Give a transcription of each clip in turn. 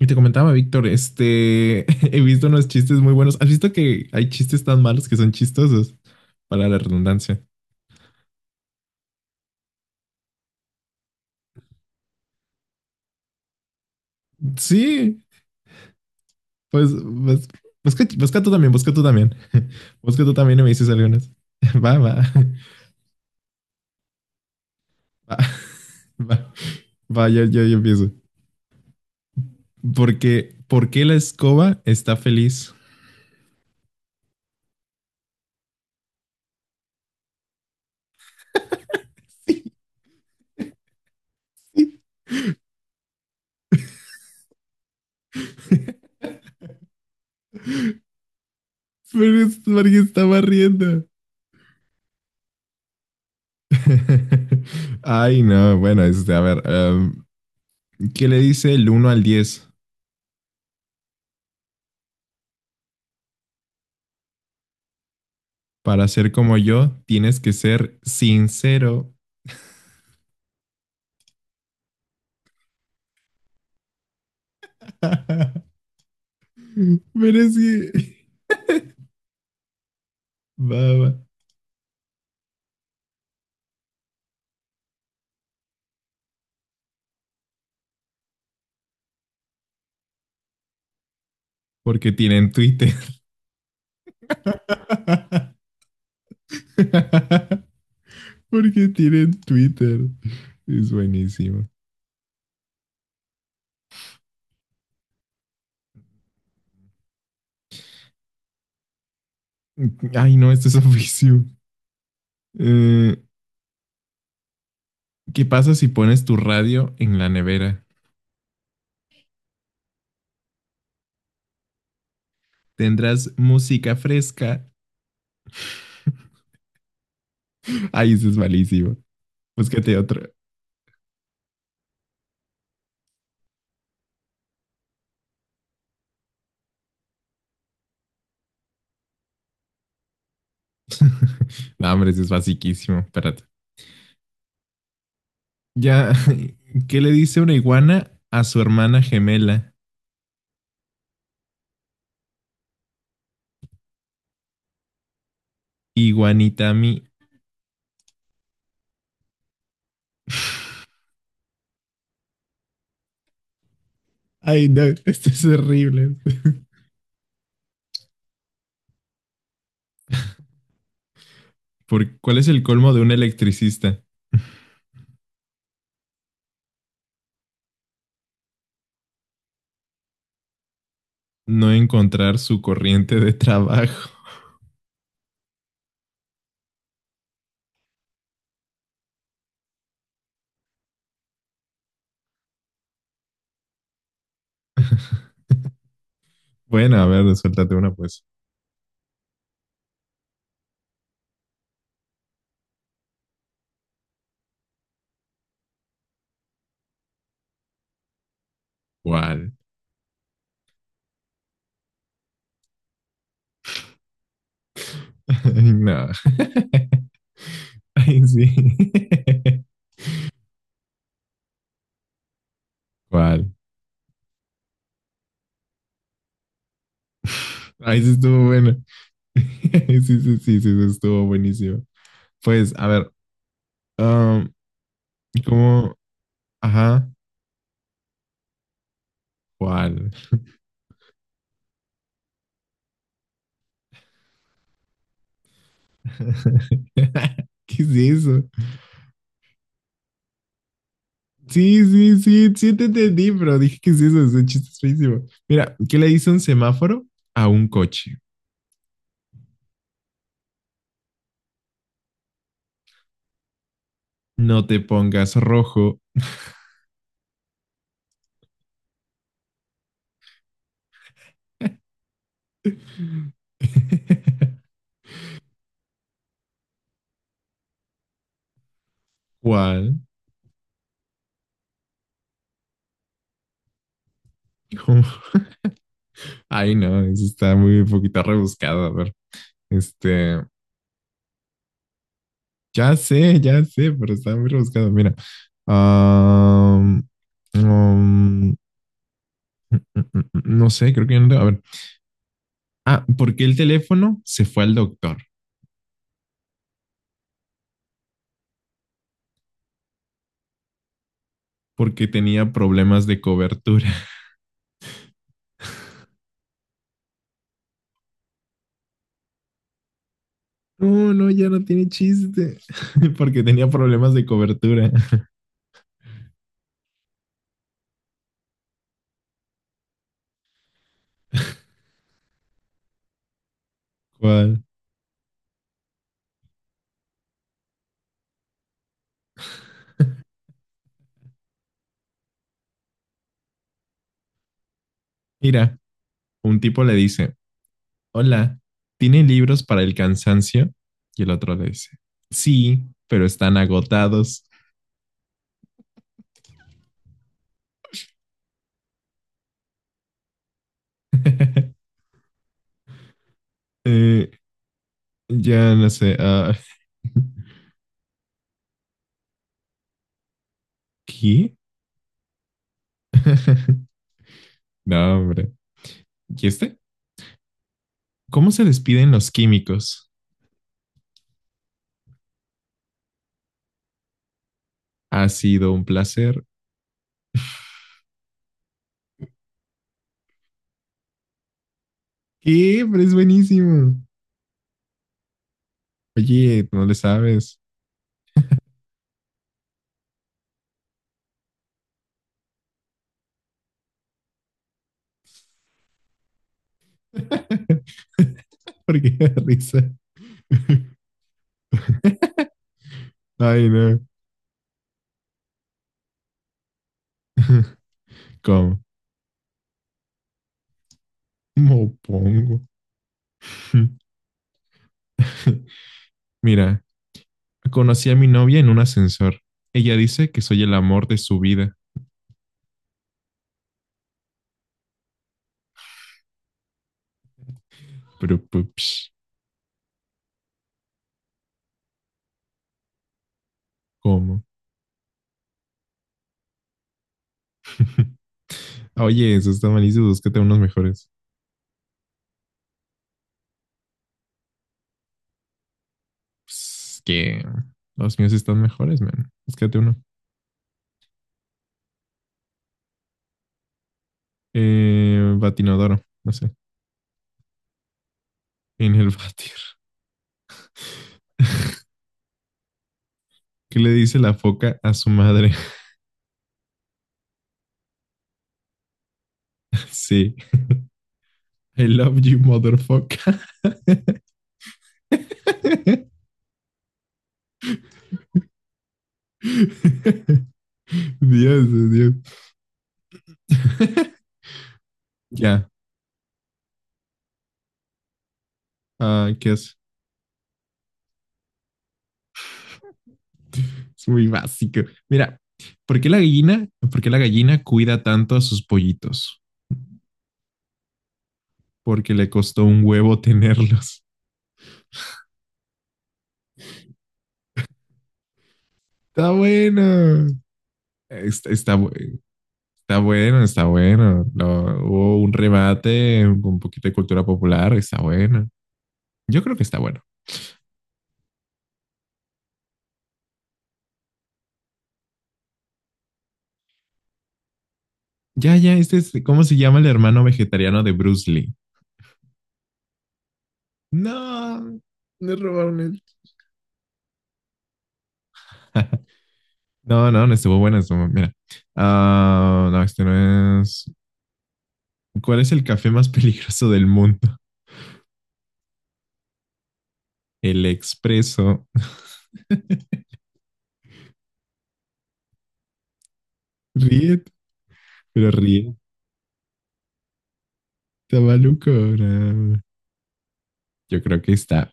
Y te comentaba, Víctor, he visto unos chistes muy buenos. ¿Has visto que hay chistes tan malos que son chistosos? Para la redundancia. Sí, pues, pues, busca tú también, busca tú también. Busca tú también y me dices algunas. Va, va, va, va, va, yo empiezo. ¿Por qué la escoba está feliz? Pero es porque estaba riendo. Ay, no, bueno, a ver, ¿qué le dice el uno al diez? Para ser como yo, tienes que ser sincero. Pero es que... Va, va. Porque tienen Twitter. Porque tienen Twitter. Es buenísimo. Ay, no, esto es oficio. Eh, ¿Qué pasa si pones tu radio en la nevera? Tendrás música fresca. Ay, eso es malísimo. Búscate otro. No, hombre, eso es basiquísimo. Espérate. Ya, ¿qué le dice una iguana a su hermana gemela? ¿Iguanitami? Ay, no, esto es horrible. ¿Por cuál es el colmo de un electricista? No encontrar su corriente de trabajo. Bueno, a ver, suéltate una pues. ¿Cuál? Ay, no. Ay, sí. ¿Cuál? Ay, sí estuvo bueno. Sí, sí, sí, sí, sí, estuvo buenísimo. Pues, a ver, um, ¿cómo? Ajá, ¿cuál? ¿Qué es eso? Sí, sí, sí, sí te entendí, pero dije, ¿qué es eso? Es un chiste, es feísimo. Mira, ¿qué le dice un semáforo a un coche? No te pongas rojo. ¿Cuál? ¿Cómo? Ay, no, eso está muy un poquito rebuscado. A ver, este, ya sé, pero está muy rebuscado. Mira, am, am, mm, mm, mm, no sé, creo que no. A ver, ah, ¿por qué el teléfono se fue al doctor? Porque tenía problemas de cobertura. No, no, ya no tiene chiste. Porque tenía problemas de cobertura. ¿Cuál? Mira, un tipo le dice, hola, ¿tiene libros para el cansancio? Y el otro le dice, sí, pero están agotados. eh, ya no sé, ¿qué? No, hombre. ¿Y este? ¿Cómo se despiden los químicos? Ha sido un placer. ¿Qué? Pero es buenísimo. Oye, no le sabes. ¿Por qué da risa? Ay, no. ¿Cómo? ¿Cómo pongo? Mira, conocí a mi novia en un ascensor. Ella dice que soy el amor de su vida. Pero, pues, ¿cómo? Oye, eso está malísimo. Búscate unos mejores. Pues, que los míos están mejores, man. Búscate uno. Batinodoro, no sé. En el batir. ¿Qué le dice la foca a su madre? Sí. I love you, motherfucker. Dios, Dios. Ya, ah, ¿qué es? Es muy básico. Mira, ¿por qué la gallina cuida tanto a sus pollitos? Porque le costó un huevo tenerlos. Está bueno. Está, está, está bueno, está bueno. Hubo un remate con un poquito de cultura popular. Está bueno. Yo creo que está bueno. Ya, ya, ¿cómo se llama el hermano vegetariano de Bruce Lee? No, me robaron el. No, no, no estuvo buena. Mira. Ah, no, este no es. ¿Cuál es el café más peligroso del mundo? El expreso. Ríe, pero ríe. Está maluco. No. Yo creo que está.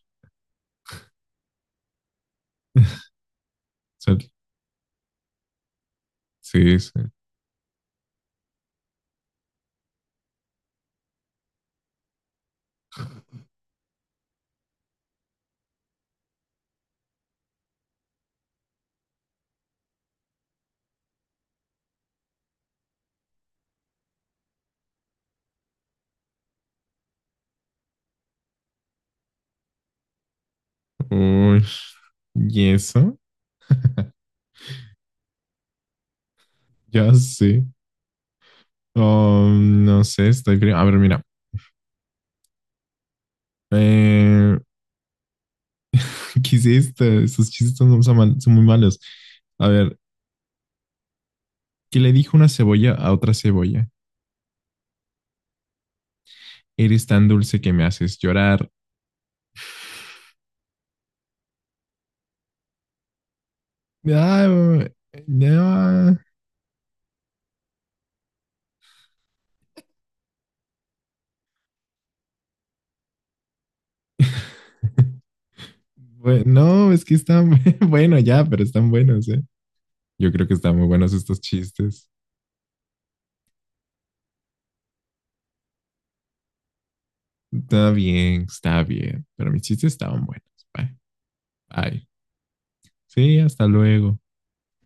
Sol- Sí, sí. Uy, ¿y eso? Ya sé. Oh, no sé, A ver, mira. Eh, ¿qué es esto? Esos chistes son, son muy malos. A ver, que le dijo una cebolla a otra cebolla, eres tan dulce que me haces llorar. Ah, no. Bueno, no, es que están, bueno ya, pero están buenos, ¿eh? Yo creo que están muy buenos estos chistes. Está bien, pero mis chistes estaban buenos. Bye, bye. Sí, hasta luego.